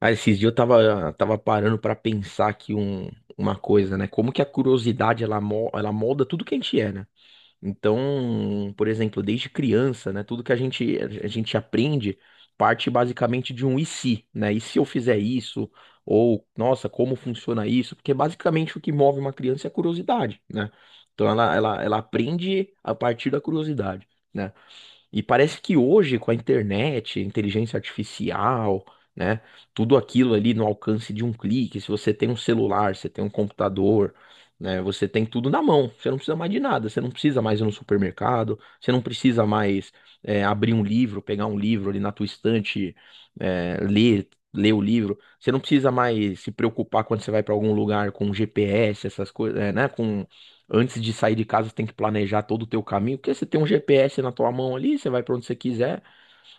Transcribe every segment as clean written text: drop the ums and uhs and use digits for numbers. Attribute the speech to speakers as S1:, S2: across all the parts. S1: Ah, esses dias eu tava parando pra pensar uma coisa, né? Como que a curiosidade ela molda tudo que a gente é, né? Então, por exemplo, desde criança, né? Tudo que a gente aprende parte basicamente de um e se, né? E se eu fizer isso? Ou, nossa, como funciona isso? Porque basicamente o que move uma criança é a curiosidade, né? Então ela aprende a partir da curiosidade, né? E parece que hoje, com a internet, inteligência artificial, né? Tudo aquilo ali no alcance de um clique. Se você tem um celular, você tem um computador, né? Você tem tudo na mão. Você não precisa mais de nada. Você não precisa mais ir no supermercado. Você não precisa mais abrir um livro, pegar um livro ali na tua estante, é, ler, ler o livro. Você não precisa mais se preocupar quando você vai para algum lugar com GPS, essas coisas, né? Antes de sair de casa, você tem que planejar todo o teu caminho, porque você tem um GPS na tua mão ali, você vai para onde você quiser.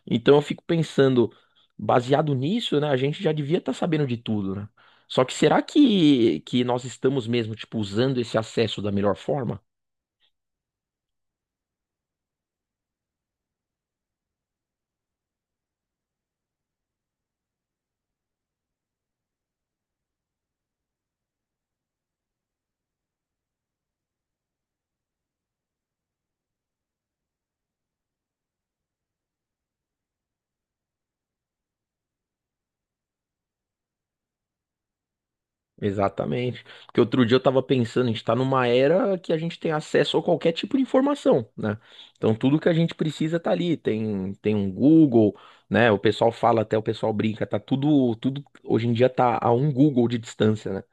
S1: Então eu fico pensando, baseado nisso, né, a gente já devia estar sabendo de tudo, né? Só que que nós estamos mesmo, tipo, usando esse acesso da melhor forma? Exatamente. Porque outro dia eu tava pensando, a gente tá numa era que a gente tem acesso a qualquer tipo de informação, né? Então tudo que a gente precisa tá ali. Tem um Google, né? O pessoal fala até, o pessoal brinca, tá tudo, tudo hoje em dia tá a um Google de distância, né?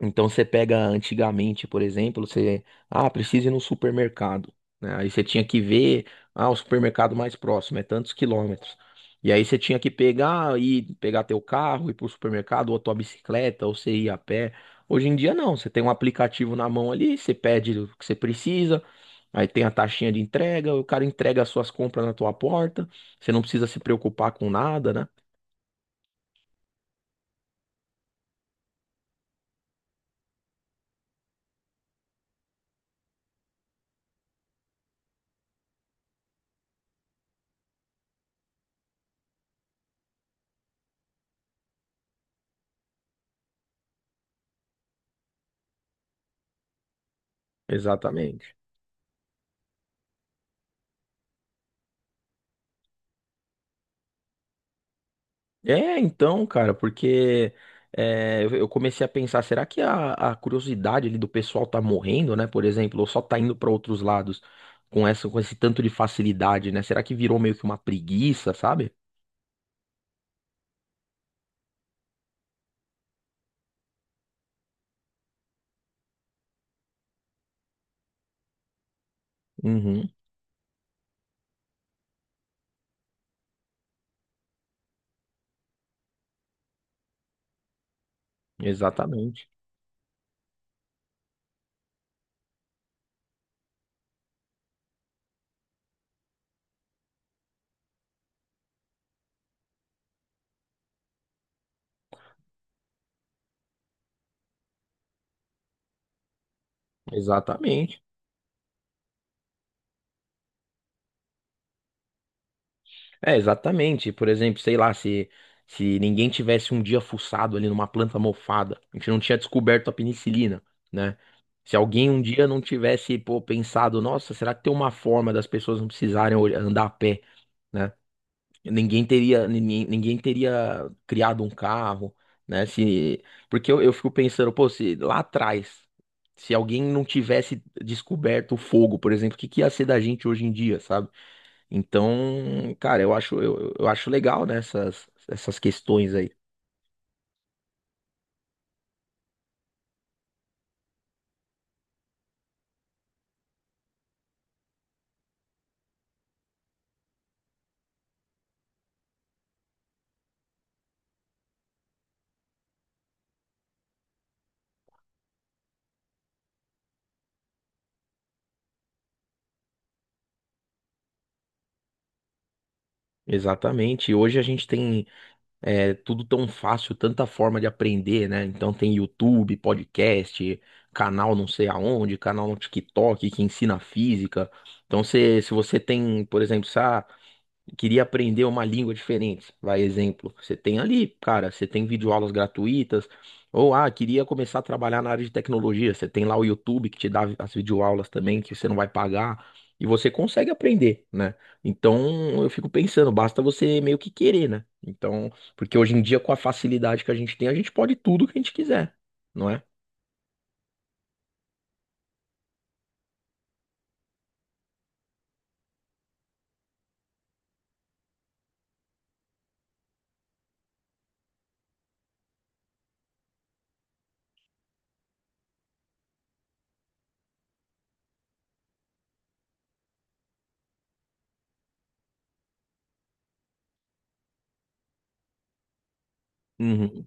S1: Então você pega antigamente, por exemplo, você, ah, precisa ir no supermercado, né? Aí você tinha que ver, ah, o supermercado mais próximo é tantos quilômetros. E aí você tinha que pegar e pegar teu carro, ir pro supermercado, ou tua bicicleta, ou você ir a pé. Hoje em dia não, você tem um aplicativo na mão ali, você pede o que você precisa, aí tem a taxinha de entrega, o cara entrega as suas compras na tua porta, você não precisa se preocupar com nada, né? Exatamente. É, então, cara, porque eu comecei a pensar, será que a curiosidade ali do pessoal tá morrendo, né? Por exemplo, ou só tá indo pra outros lados com com esse tanto de facilidade, né? Será que virou meio que uma preguiça, sabe? Uhum, exatamente, exatamente. É, exatamente. Por exemplo, sei lá, se ninguém tivesse um dia fuçado ali numa planta mofada, a gente não tinha descoberto a penicilina, né? Se alguém um dia não tivesse, pô, pensado, nossa, será que tem uma forma das pessoas não andar a pé, né? Ninguém teria, ninguém teria criado um carro, né? Se, porque eu fico pensando, pô, se lá atrás, se alguém não tivesse descoberto o fogo, por exemplo, o que que ia ser da gente hoje em dia, sabe? Então, cara, eu acho, eu acho legal, né, essas questões aí. Exatamente. Hoje a gente tem é tudo tão fácil, tanta forma de aprender, né? Então tem YouTube, podcast, canal não sei aonde, canal no TikTok que ensina física. Então se você tem, por exemplo, se, ah, queria aprender uma língua diferente, vai exemplo, você tem ali, cara, você tem videoaulas gratuitas, ou ah, queria começar a trabalhar na área de tecnologia, você tem lá o YouTube que te dá as videoaulas também, que você não vai pagar, e você consegue aprender, né? Então, eu fico pensando, basta você meio que querer, né? Então, porque hoje em dia com a facilidade que a gente tem, a gente pode tudo que a gente quiser, não é? Uhum.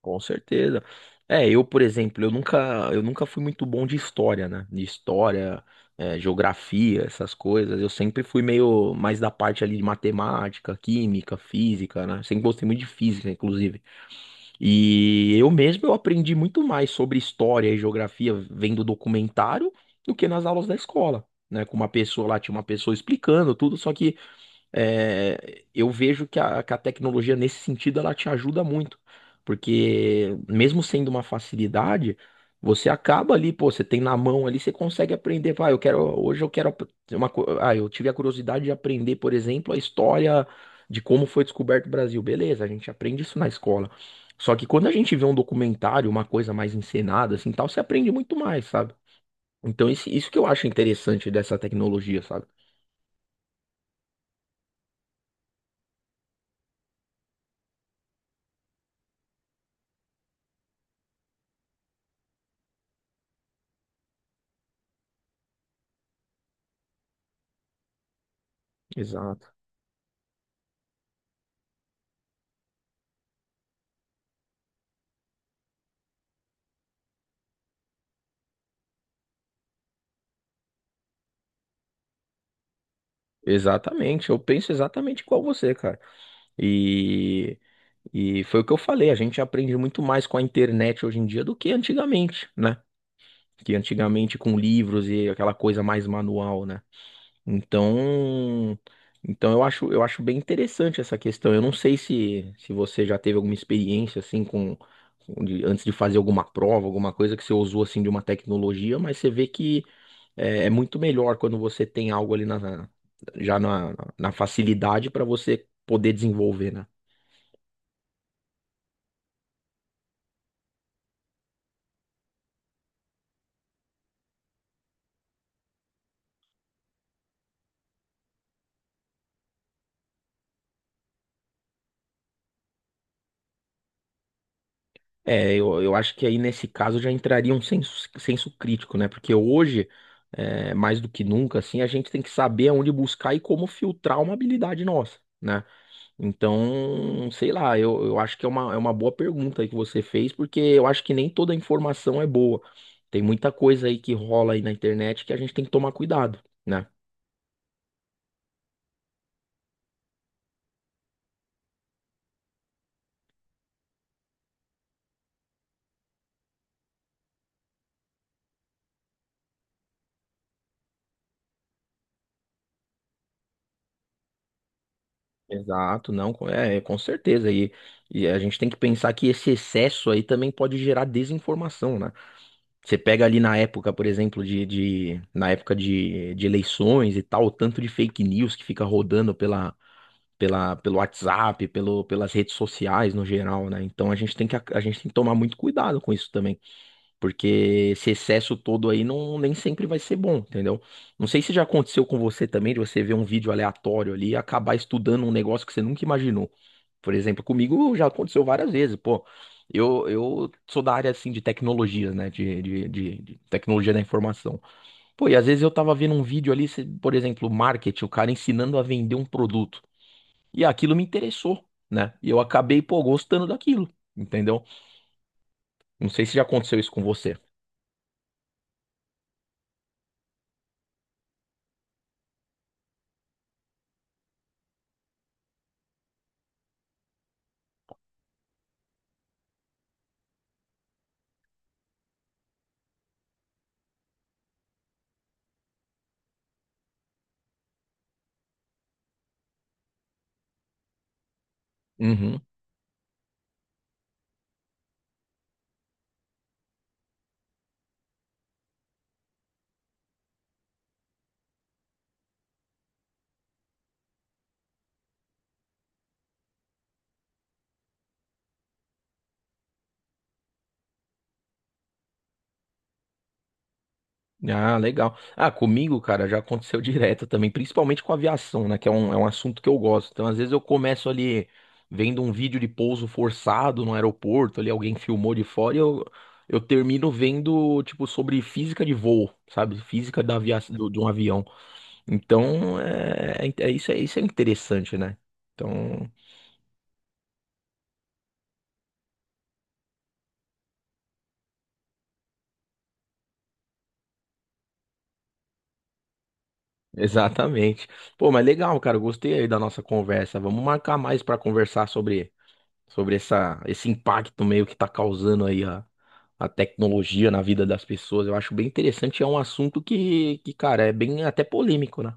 S1: Com certeza. É, por exemplo, eu nunca fui muito bom de história, né? De história, geografia, essas coisas. Eu sempre fui meio mais da parte ali de matemática, química, física, né? Sempre gostei muito de física, inclusive. E eu mesmo eu aprendi muito mais sobre história e geografia vendo documentário do que nas aulas da escola. Né, com uma pessoa lá, tinha uma pessoa explicando tudo, só que eu vejo que que a tecnologia nesse sentido ela te ajuda muito, porque mesmo sendo uma facilidade, você acaba ali, pô, você tem na mão ali, você consegue aprender. Pá, eu quero hoje eu quero ap- uma, co- ah, eu tive a curiosidade de aprender, por exemplo, a história de como foi descoberto o Brasil. Beleza, a gente aprende isso na escola. Só que quando a gente vê um documentário, uma coisa mais encenada assim, tal, você aprende muito mais, sabe? Então isso que eu acho interessante dessa tecnologia, sabe? Exato. Exatamente, eu penso exatamente igual você, cara. E, e foi o que eu falei, a gente aprende muito mais com a internet hoje em dia do que antigamente, né? Que antigamente com livros e aquela coisa mais manual, né? Então, então eu acho bem interessante essa questão. Eu não sei se você já teve alguma experiência assim com, antes de fazer alguma prova, alguma coisa que você usou assim de uma tecnologia, mas você vê que é muito melhor quando você tem algo ali já na facilidade para você poder desenvolver, né? É, eu acho que aí nesse caso já entraria um senso crítico, né? Porque hoje, mais do que nunca, assim, a gente tem que saber aonde buscar e como filtrar uma habilidade nossa, né? Então, sei lá, eu acho que é é uma boa pergunta aí que você fez, porque eu acho que nem toda informação é boa. Tem muita coisa aí que rola aí na internet que a gente tem que tomar cuidado, né? Exato, não, com- é, é, com certeza. E a gente tem que pensar que esse excesso aí também pode gerar desinformação, né? Você pega ali na época, por exemplo, de na época de eleições e tal, o tanto de fake news que fica rodando pelo WhatsApp, pelas redes sociais no geral, né? Então a gente tem que tomar muito cuidado com isso também, porque esse excesso todo aí nem sempre vai ser bom, entendeu? Não sei se já aconteceu com você também, de você ver um vídeo aleatório ali e acabar estudando um negócio que você nunca imaginou. Por exemplo, comigo já aconteceu várias vezes, pô. Eu sou da área assim de tecnologias, né? De tecnologia da informação. Pô, e às vezes eu tava vendo um vídeo ali, por exemplo, marketing, o cara ensinando a vender um produto. E aquilo me interessou, né? E eu acabei, pô, gostando daquilo, entendeu? Não sei se já aconteceu isso com você. Uhum. Ah, legal. Ah, comigo, cara, já aconteceu direto também, principalmente com aviação, né? Que é é um assunto que eu gosto. Então, às vezes eu começo ali vendo um vídeo de pouso forçado no aeroporto, ali alguém filmou de fora e eu termino vendo, tipo, sobre física de voo, sabe? Física da aviação, de um avião. Então, isso é interessante, né? Então. Exatamente. Pô, mas legal, cara. Gostei aí da nossa conversa. Vamos marcar mais para conversar sobre, sobre esse impacto meio que tá causando aí a tecnologia na vida das pessoas. Eu acho bem interessante. É um assunto cara, é bem até polêmico, né?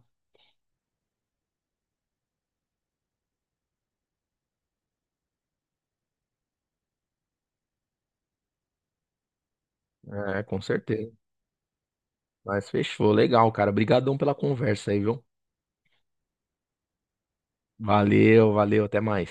S1: É, com certeza. Mas fechou. Legal, cara. Obrigadão pela conversa aí, viu? Valeu, valeu. Até mais.